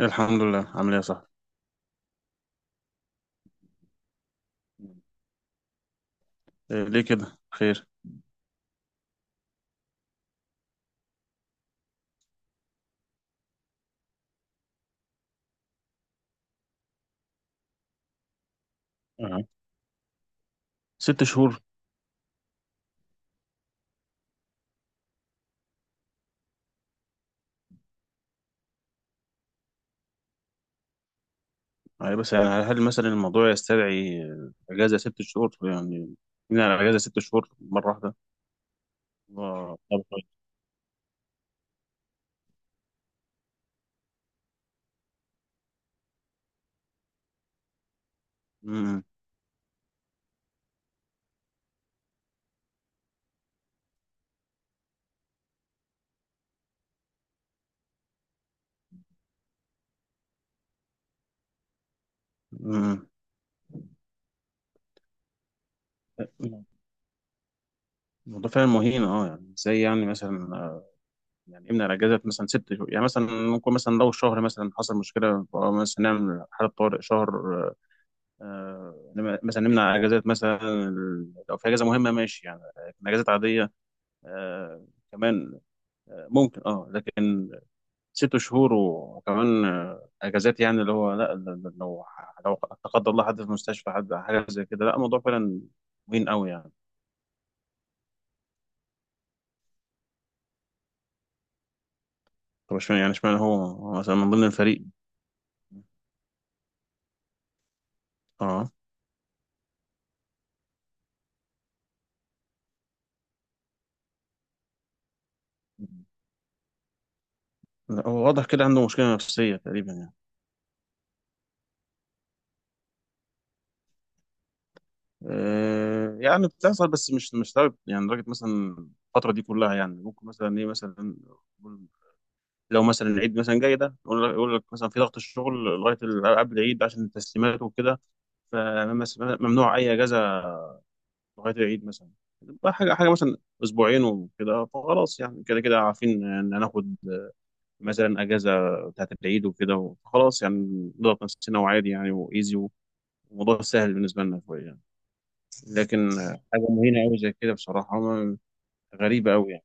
الحمد لله، عامل ايه يا صاحبي؟ إيه، ليه كده؟ خير؟ أه. 6 شهور؟ يعني بس يعني هل مثلا الموضوع يستدعي اجازه 6 شهور يعني؟ من على اجازه 6 شهور مره واحده. طب، طيب. أمم. أمم. الموضوع فعلا مهين، اه، يعني ازاي؟ يعني مثلا يعني امنع الاجازه مثلا 6 شهور يعني. مثلا ممكن مثلا لو شهر مثلا حصل مشكله، أو مثلا نعمل حاله طوارئ شهر، آه، مثلا نمنع اجازات مثلا لو في اجازه مهمه، ماشي يعني. لكن اجازات عاديه آه كمان ممكن اه، لكن 6 شهور وكمان اجازات، يعني اللي هو لا، لو لا قدر الله حد في المستشفى، حد حاجه زي كده، لا الموضوع فعلا مهم قوي يعني. طب اشمعنى، يعني اشمعنى هو مثلا من ضمن الفريق؟ اه. لا، هو واضح كده عنده مشكله نفسيه تقريبا يعني. يعني بتحصل، بس مش لدرجه يعني، لدرجه مثلا الفتره دي كلها يعني، ممكن مثلا ايه مثلا لو مثلا العيد مثلا جاي، ده يقول لك، يقول لك مثلا في ضغط الشغل لغايه الالعاب العيد عشان التسليمات وكده، فممنوع اي اجازه لغايه العيد مثلا. بقى حاجه حاجه مثلا اسبوعين وكده، فخلاص يعني كده كده عارفين ان هناخد مثلا اجازه بتاعت العيد وكده، فخلاص يعني نضغط نفسنا وعادي يعني، وايزي وموضوع سهل بالنسبه لنا شويه يعني. لكن حاجه مهينه قوي زي كده بصراحه غريبه قوي يعني.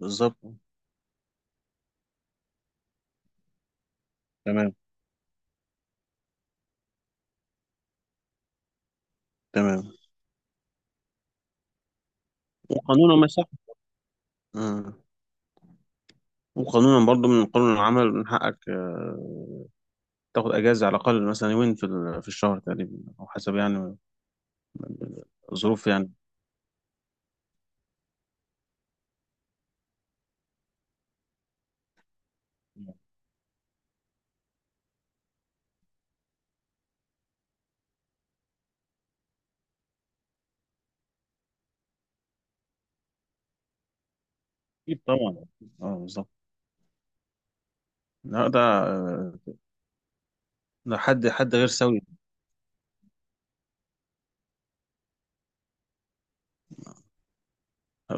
بالظبط. تمام. تمام. وقانون المساحه، وقانونا برضو من قانون العمل من حقك تاخد اجازه على الاقل مثلا يومين في في الشهر تقريبا، او حسب يعني الظروف يعني. اكيد طبعا. اه بالظبط. لا، ده ده حد غير سوي.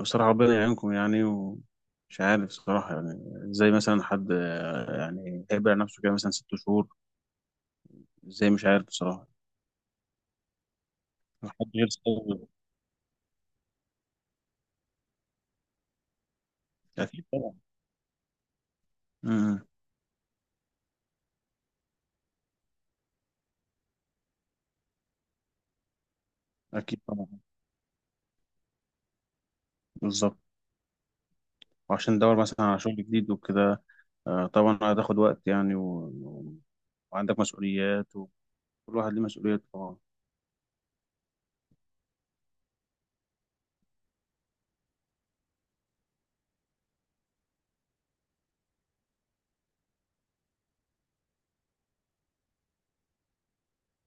بصراحه ربنا يعينكم يعني، ومش عارف بصراحه يعني ازاي مثلا حد يعني هيبقى نفسه كده مثلا 6 شهور. ازاي؟ مش عارف بصراحه. حد غير سوي. اكيد طبعا. امم. اكيد طبعا. بالظبط. وعشان ندور مثلا على شغل جديد وكده طبعا هتاخد وقت يعني. وعندك مسؤوليات، وكل واحد ليه مسؤوليات طبعا.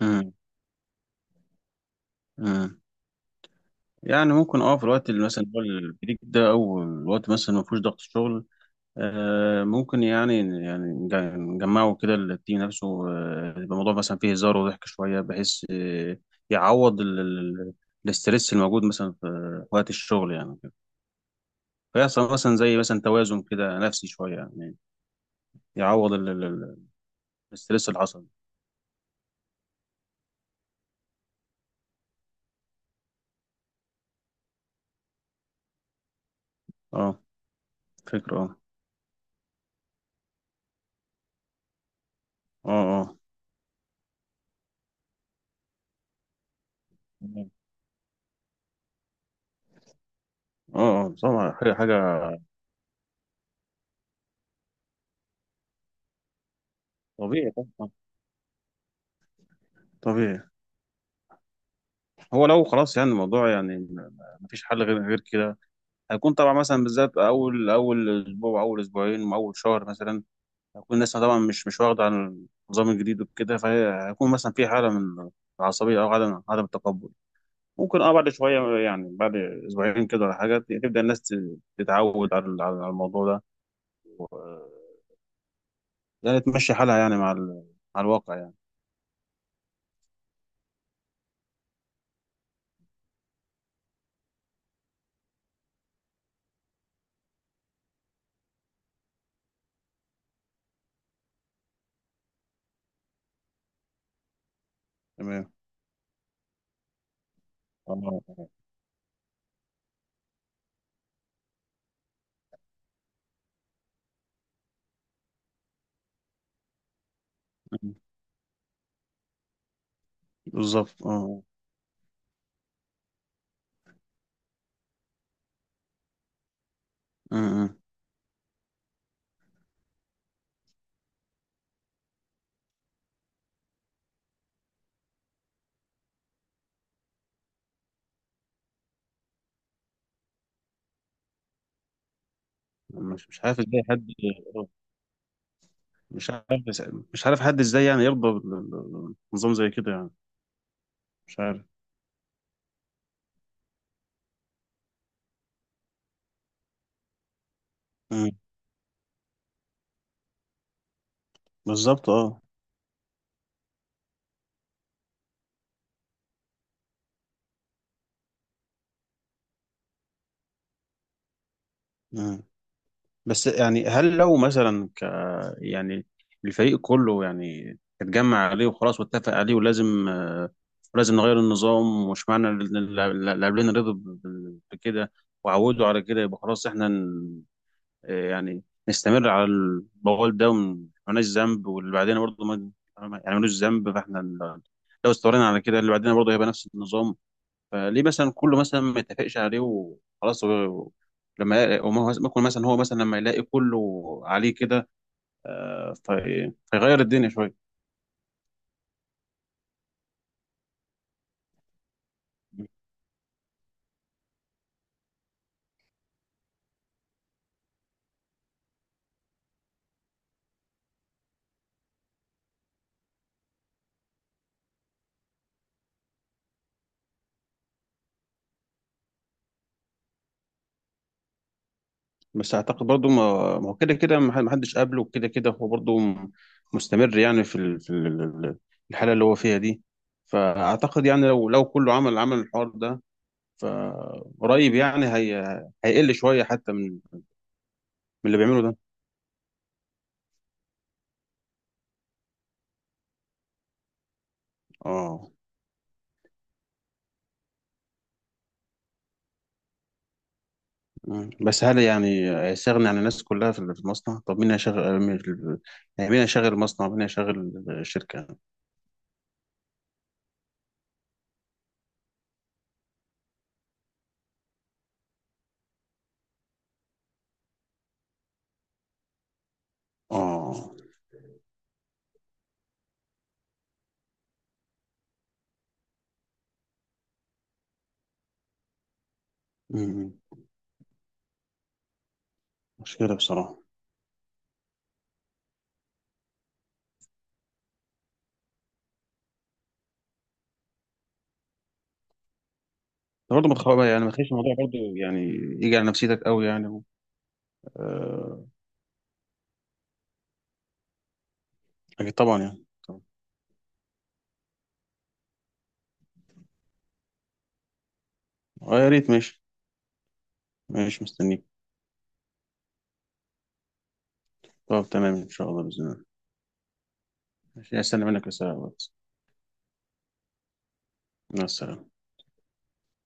مم. مم. يعني ممكن، اه، في الوقت اللي مثلا هو البريك ده، او الوقت مثلا ما فيهوش ضغط شغل ممكن يعني، يعني نجمعه كده التيم نفسه، يبقى الموضوع مثلا فيه هزار وضحك شويه بحيث يعوض الاسترس الموجود مثلا في وقت الشغل يعني كده. فيحصل مثلا زي مثلا توازن كده نفسي شويه يعني، يعوض الاسترس اللي حصل. اه، فكره. اه، اه، اه، اه، اه، طبعا. حاجه حاجة طبيعي طبعا. طبيعي. هو لو خلاص يعني الموضوع يعني مفيش حل غير كده، هيكون طبعا مثلا بالذات اول اول اسبوع، اول اسبوعين، اول شهر مثلا، هتكون الناس طبعا مش واخده عن النظام الجديد وكده، فهيكون مثلا في حاله من العصبيه او عدم التقبل. ممكن، اه، بعد شويه يعني، بعد اسبوعين كده ولا حاجه، تبدا الناس تتعود على على الموضوع ده، و- يعني تمشي حالها يعني مع مع الواقع يعني. تمام. اه بالظبط. اه. م- م. مش عارف ازاي حد، مش عارف. مش عارف حد ازاي يعني يرضى بنظام زي كده يعني. مش عارف. مم. بالظبط اه. مم. بس يعني هل لو مثلا يعني الفريق كله يعني اتجمع عليه وخلاص واتفق عليه، ولازم ولازم نغير النظام. ومش معنى ان اللاعبين رضوا بكده وعودوا على كده، يبقى خلاص احنا يعني نستمر على البول ده، مالناش ذنب، واللي بعدين برضه ما يعني ملوش ذنب. فاحنا لو استمرينا على كده، اللي بعدين برضه هيبقى نفس النظام. فليه مثلا كله مثلا ما يتفقش عليه وخلاص؟ ممكن مثلا هو مثلا لما يلاقي كله عليه كده فيغير الدنيا شويه. بس اعتقد برضه ما هو كده كده ما حدش قابله، وكده كده هو برضه مستمر يعني في في الحاله اللي هو فيها دي. فاعتقد يعني لو كله عمل الحوار ده، فقريب يعني هي هيقل شوية حتى من اللي بيعمله ده. اه. مم. بس هل يعني هيستغني عن الناس كلها في المصنع؟ طب مين هيشغل مين؟ يعني مين هيشغل المصنع؟ مين هيشغل الشركة؟ اه. مم. مشكلة بصراحة. ده برضه ما تخاف، يعني ما تخليش الموضوع برضه يعني يجي على نفسيتك قوي يعني. آه، أكيد طبعا يعني، طبعا. اه يا ريت، ماشي. ماشي مستنيك. طب تمام، إن شاء الله، بإذن الله. ماشي، هستنى منك رسالة على الواتس. مع السلامة.